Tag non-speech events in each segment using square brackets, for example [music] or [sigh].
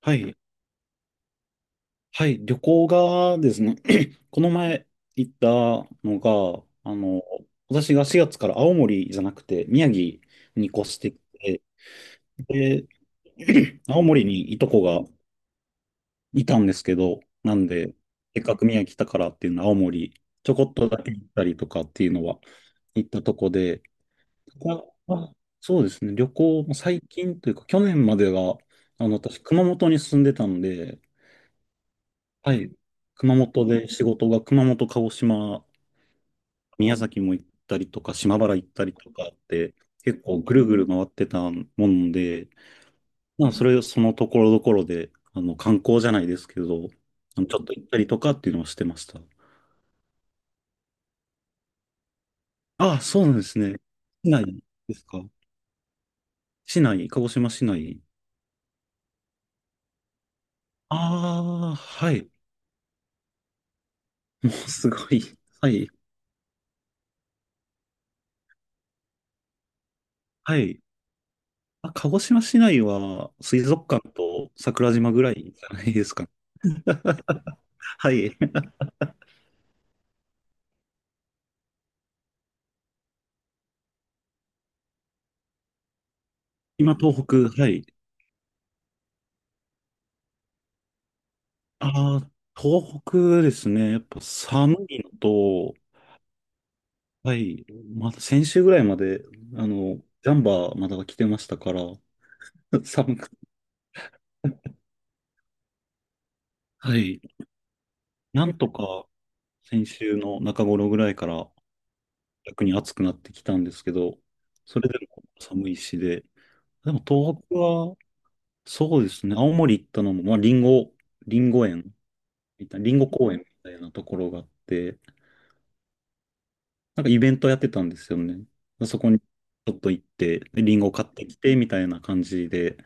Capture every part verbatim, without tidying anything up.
はい、はい、旅行がですね、[clears throat] この前行ったのが、あの、私がしがつから青森じゃなくて宮城に越してきて、で、[clears throat] 青森にいとこがいたんですけど、なんで、せっかく宮城来たからっていうのは青森、ちょこっとだけ行ったりとかっていうのは行ったとこで、ここはそうですね、旅行も最近というか、去年までは、あの、私、熊本に住んでたんで、はい。熊本で仕事が熊本、鹿児島、宮崎も行ったりとか、島原行ったりとかあって、結構ぐるぐる回ってたもんで、まあ、それ、そのところどころで、あの、観光じゃないですけど、あのちょっと行ったりとかっていうのをしてました。ああ、そうなんですね。市内ですか市内、鹿児島市内。ああ、はい。もうすごい。はい。はい。あ、鹿児島市内は水族館と桜島ぐらいじゃないですかね。はい。今、東北、はい。ああ、東北ですね。やっぱ寒いのと、はい。まだ先週ぐらいまで、あの、ジャンバーまだ着てましたから、[laughs] 寒く、はい。なんとか先週の中頃ぐらいから逆に暑くなってきたんですけど、それでも寒いしで。でも東北は、そうですね。青森行ったのも、まあ、リンゴ、リンゴ園みたいな、リンゴ公園みたいなところがあって、なんかイベントやってたんですよね。そこにちょっと行って、リンゴ買ってきて、みたいな感じで、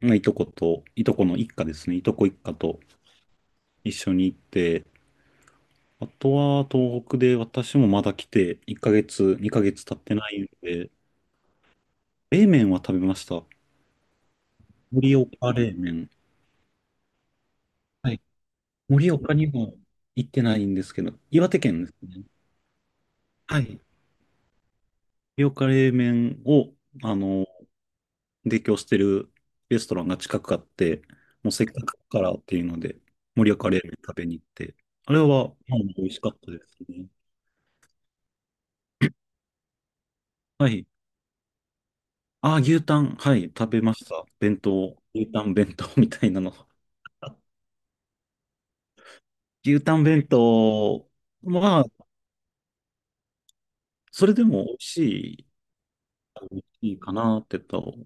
まあ、いとこと、いとこの一家ですね。いとこ一家と一緒に行って、あとは東北で私もまだ来て、いっかげつ、にかげつ経ってないんで、冷麺は食べました。盛岡冷麺。はい。盛岡にも行ってないんですけど、岩手県ですね。はい。盛岡冷麺を、あの提供してるレストランが近くあって、もうせっかくだからっていうので、盛岡冷麺食べに行って、あれは、まあ、美味しかったですね。はい。ああ、牛タン、はい、食べました。弁当、牛タン弁当 [laughs] みたいなの。あ牛タン弁当、まあ、それでも美味しい、いいかなってとは思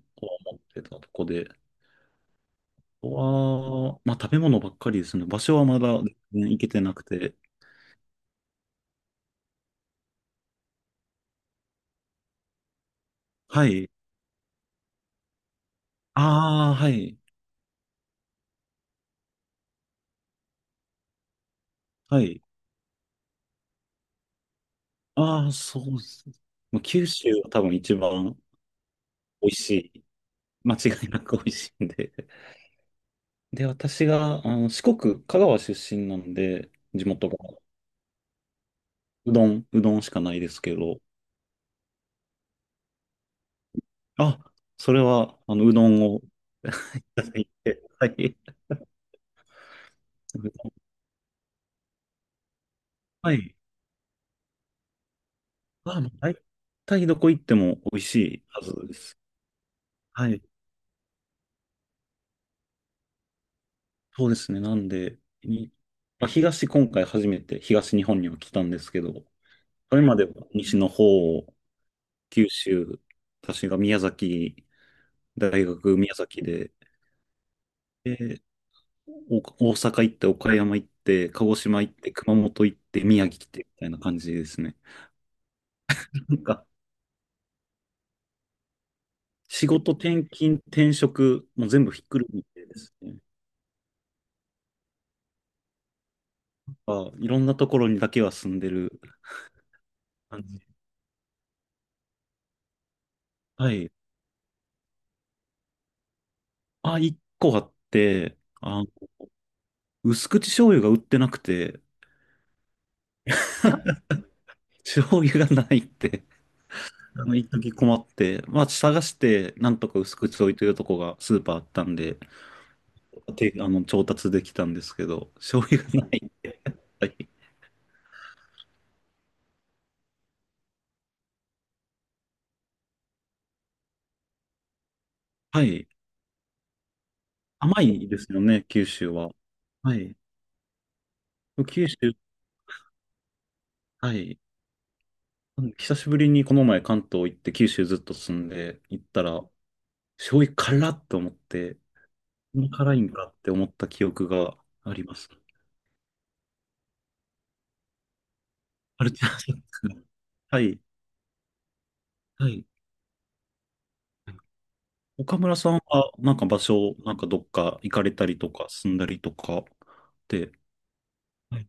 ってたとこで、わあ、まあ食べ物ばっかりですね。場所はまだ全然行けてなくて。はい。ああ、はい。はい。ああ、そうです。もう九州は多分一番美味しい。[laughs] 間違いなく美味しいんで。[laughs] で、私が、あの、四国、香川出身なんで、地元が、うどん、うどんしかないですけど、あ、それは、あの、うどんを [laughs] いただいて、[laughs] はい。うどんはい。あ、もう大体どこ行っても美味しいはずです。はい。そうですね。なんで、に、まあ、東、今回初めて東日本には来たんですけど、それまでは西の方九州、私が宮崎、大学宮崎で、で、お大阪行って、岡山行って、鹿児島行って、熊本行って、宮城来て、みたいな感じですね。[laughs] なんか、仕事転勤、転職、もう全部ひっくるめてですね。あ、いろんなところにだけは住んでる感じ。はい。あ、一個あって、あ、薄口醤油が売ってなくて、[laughs] 醤油がないってあの、一時困って、まあ、探して、なんとか薄口置いてるとこがスーパーあったんで、て、あの、調達できたんですけど、[laughs] 醤油がないんで。[laughs] はい。はい。甘いですよね、九州は。はい。九州、はい。久しぶりにこの前関東行って九州ずっと住んで行ったら、醤油辛っと思って、こんな辛いんかって思った記憶があります。あれ、違う。はい。はい。岡村さんは、なんか場所、なんかどっか行かれたりとか、住んだりとかって、はい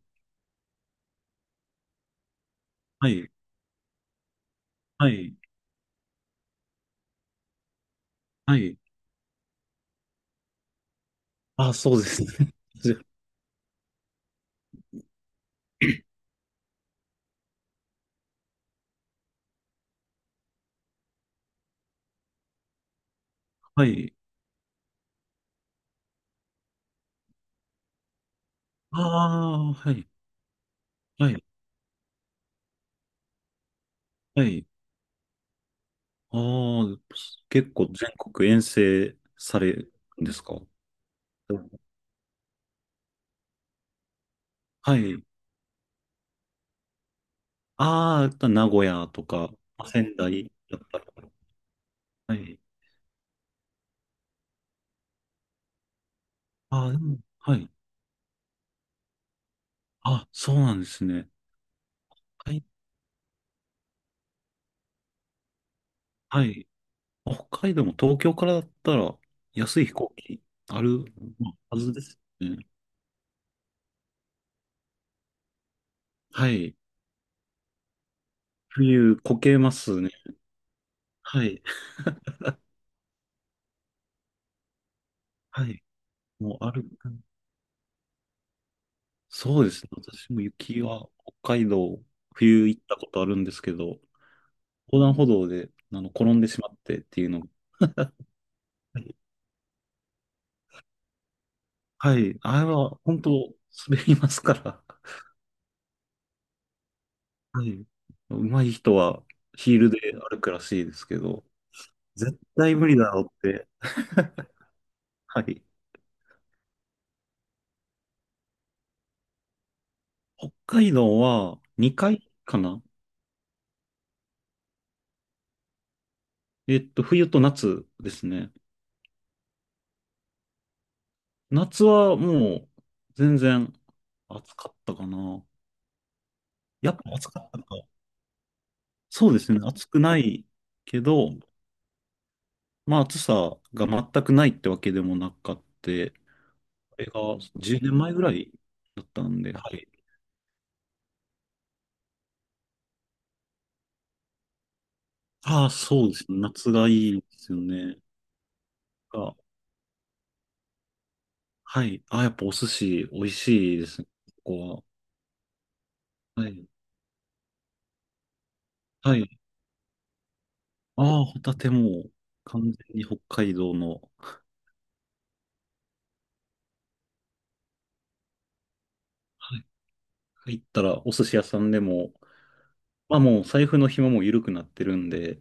はい、はい、はい。あ、そうですね。[laughs] じゃはい。ああ、はい、はい、はい。ああ、結構全国遠征されるんですかうんはい。ああ、名古屋とか、まあ仙台だったりとか。はい。ああ、でもはい。あ、そうなんですね。はい、はい。北海道も東京からだったら安い飛行機あるはずですね。はい。冬こけますね。はい。はい。もうある。そうですね。私も雪は北海道冬行ったことあるんですけど、横断歩道であの転んでしまってっていうのが。はい。あれは本当滑りますから。はい。上手い人はヒールで歩くらしいですけど、絶対無理だろうって。はい。北海道はにかいかなえっと、冬と夏ですね。夏はもう全然暑かったかな。やっぱ暑かったのか。そうですね。暑くないけど、まあ暑さが全くないってわけでもなかった。これがじゅうねんまえぐらいだったんで、はい。ああ、そうですね。夏がいいですよね。がはい。ああ、やっぱお寿司美味しいですね。ここは。はい。はい。ああ、ホタテも完全に北海道の、はい入ったらお寿司屋さんでも、まあもう財布の紐も緩くなってるんで、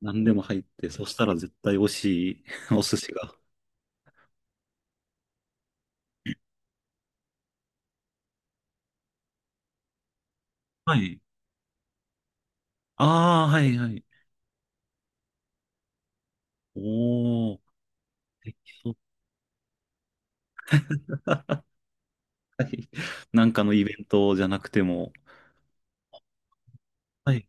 何でも入って、そしたら絶対美味しい [laughs] お寿司が。はい。ああ、はいはい。おお、できそうなんかのイベントじゃなくても、はい。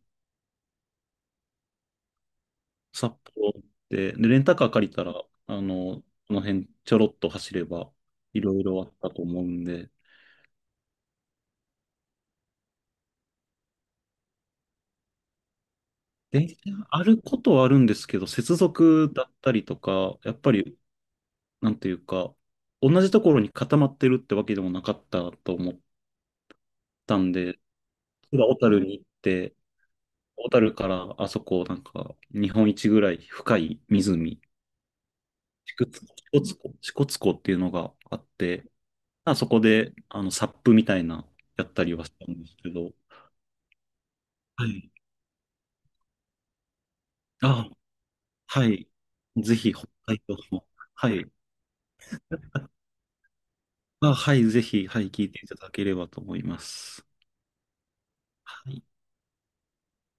札幌行って、で、レンタカー借りたら、あの、この辺ちょろっと走れば、いろいろあったと思うんで、電車あることはあるんですけど、接続だったりとか、やっぱり、なんていうか、同じところに固まってるってわけでもなかったと思ったんで、ただ小樽に行って、小樽からあそこ、なんか、日本一ぐらい深い湖、支笏湖、支笏湖支笏湖っていうのがあって、あそこで、あの、サップみたいな、やったりはしたんですけど、はい。あ、はい。ぜひ、北海道も、はい。あ、はい、ぜひ、はい、聞いていただければと思います。はい。